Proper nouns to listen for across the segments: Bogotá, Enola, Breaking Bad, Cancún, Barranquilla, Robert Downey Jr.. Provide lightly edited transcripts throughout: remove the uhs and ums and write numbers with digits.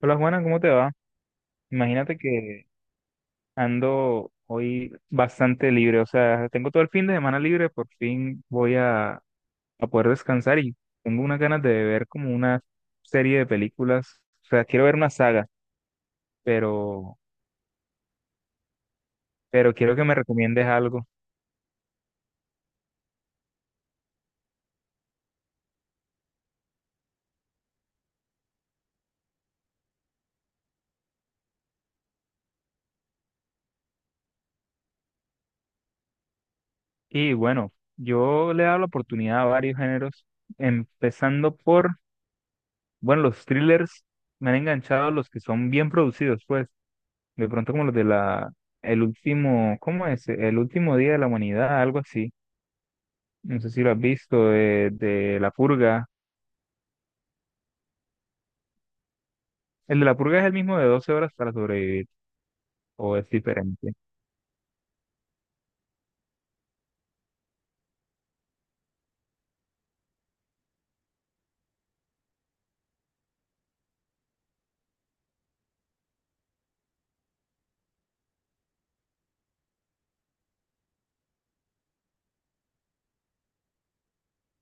Hola Juana, ¿cómo te va? Imagínate que ando hoy bastante libre, o sea, tengo todo el fin de semana libre, por fin voy a poder descansar y tengo unas ganas de ver como una serie de películas, o sea, quiero ver una saga, pero, pero quiero que me recomiendes algo. Y bueno, yo le he dado la oportunidad a varios géneros, empezando por, bueno, los thrillers, me han enganchado los que son bien producidos, pues. De pronto como los de la, el último, ¿cómo es? El último día de la humanidad, algo así. No sé si lo has visto, de la purga. El de la purga es el mismo de 12 horas para sobrevivir, o es diferente.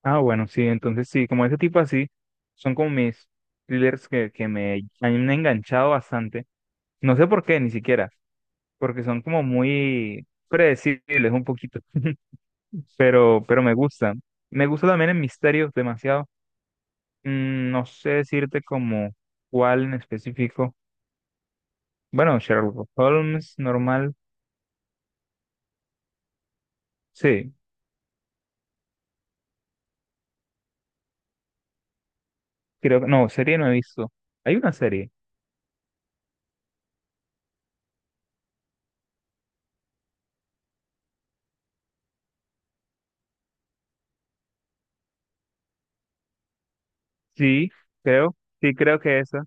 Ah, bueno, sí, entonces sí, como ese tipo así, son como mis thrillers que me han enganchado bastante. No sé por qué, ni siquiera, porque son como muy predecibles un poquito, pero me gustan. Me gusta también el misterio demasiado. No sé decirte como cuál en específico. Bueno, Sherlock Holmes normal. Sí, creo que no, serie no he visto. Hay una serie. Sí, creo. Sí, creo que esa.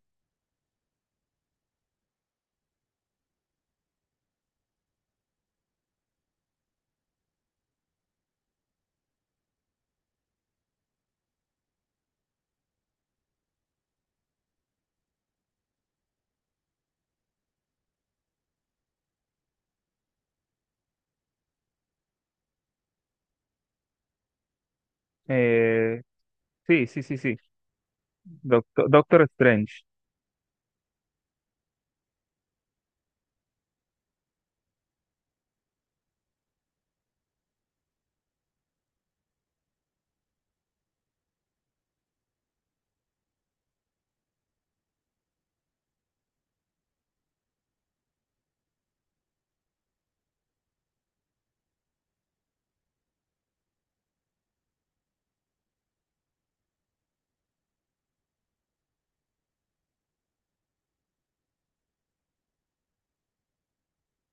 Eh, sí, sí, sí, sí. Doctor Strange.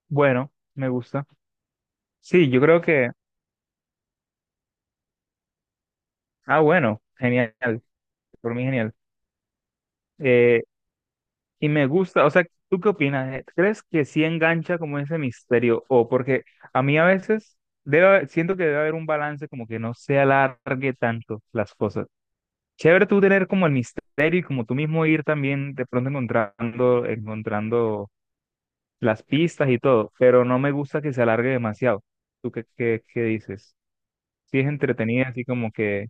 Bueno, me gusta. Sí, yo creo que. Ah, bueno, genial. Por mí, genial. Eh, Y me gusta, o sea, ¿tú qué opinas, eh? ¿Crees que sí engancha como ese misterio? O porque a mí a veces siento que debe haber un balance como que no se alargue tanto las cosas. Chévere tú tener como el misterio y como tú mismo ir también de pronto encontrando las pistas y todo, pero no me gusta que se alargue demasiado. ¿Tú qué dices? Sí es entretenida, así como que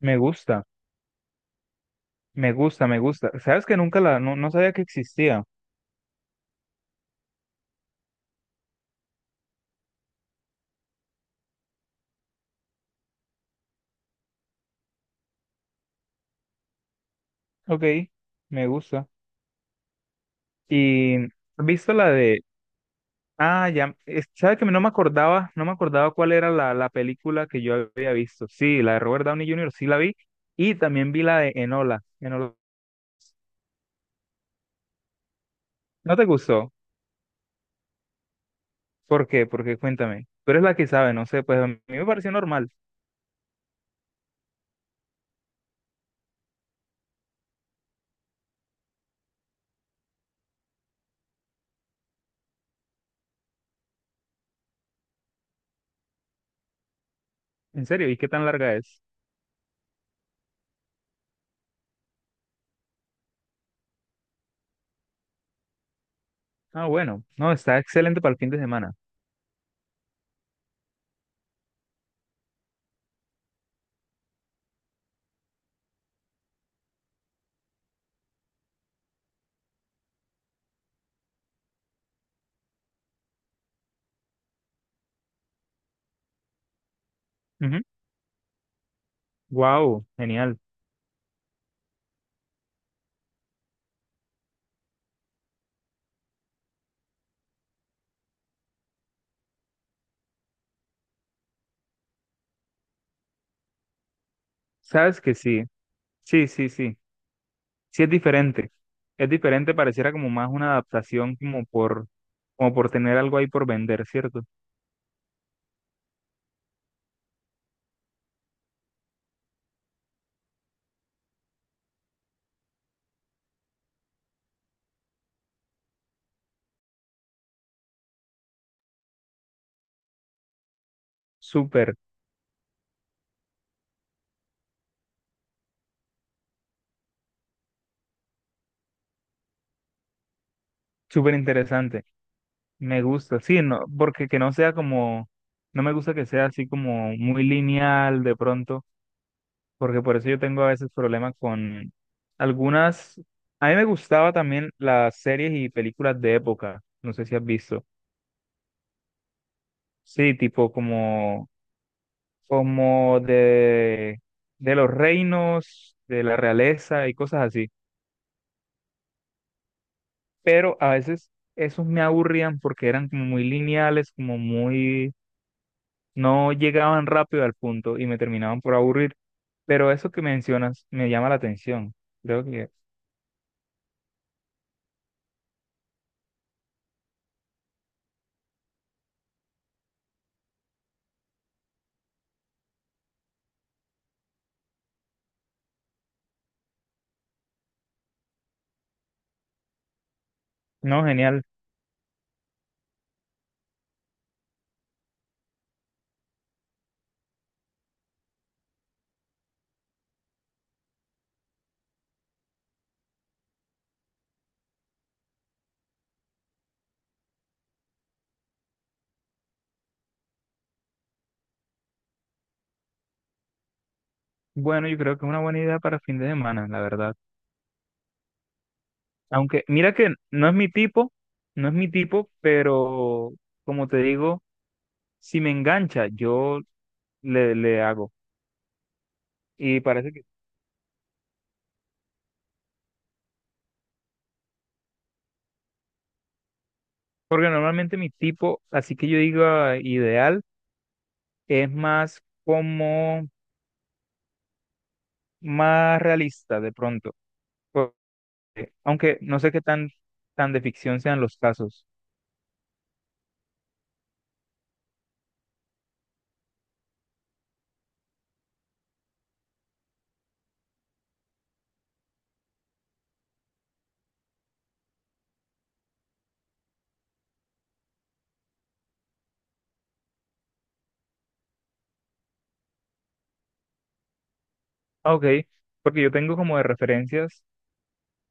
me gusta, me gusta, me gusta. ¿Sabes que nunca la, no, no sabía que existía? Ok, me gusta. Y ¿has visto la de, Ah, ya, sabes que no me acordaba cuál era la película que yo había visto. Sí, la de Robert Downey Jr. sí la vi y también vi la de Enola. ¿No te gustó? ¿Por qué? Porque cuéntame. Tú eres la que sabe, no sé, pues a mí me pareció normal. En serio, ¿y qué tan larga es? Ah, bueno, no, está excelente para el fin de semana. Wow, genial. ¿Sabes que sí? Sí, sí, sí. Sí es diferente, pareciera como más una adaptación como por tener algo ahí por vender, ¿cierto? Súper, súper interesante, me gusta, sí, no, porque que no sea no me gusta que sea así como muy lineal de pronto, porque por eso yo tengo a veces problemas con algunas, a mí me gustaba también las series y películas de época, no sé si has visto, sí, tipo como de los reinos, de la realeza y cosas así. Pero a veces esos me aburrían porque eran como muy lineales, como muy, no llegaban rápido al punto y me terminaban por aburrir. Pero eso que mencionas me llama la atención. Creo que, no, genial. Bueno, yo creo que es una buena idea para fin de semana, la verdad. Aunque, mira que no es mi tipo, no es mi tipo, pero como te digo, si me engancha, yo le hago. Y parece que, porque normalmente mi tipo, así que yo digo ideal, es más como más realista de pronto. Porque- Aunque no sé qué tan de ficción sean los casos. Ah, Ok, porque yo tengo como de referencias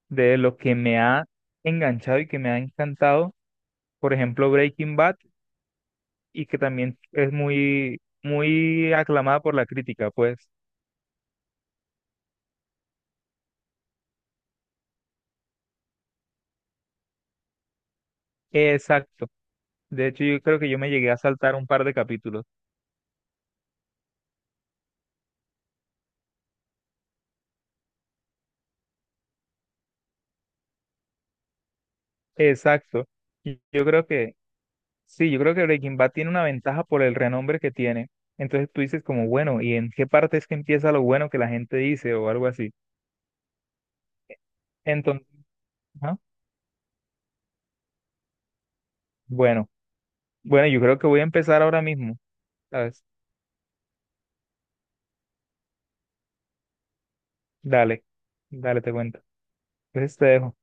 de lo que me ha enganchado y que me ha encantado. Por ejemplo, Breaking Bad, y que también es muy, muy aclamada por la crítica, pues. Exacto. De hecho, yo creo que yo me llegué a saltar un par de capítulos. Exacto. Y Yo creo que, sí, yo creo que Breaking Bad tiene una ventaja por el renombre que tiene. Entonces tú dices como, bueno, ¿y en qué parte es que empieza lo bueno que la gente dice o algo así? Entonces, ajá, bueno, bueno, yo creo que voy a empezar ahora mismo, ¿sabes? Dale, dale, te cuento. Entonces te dejo.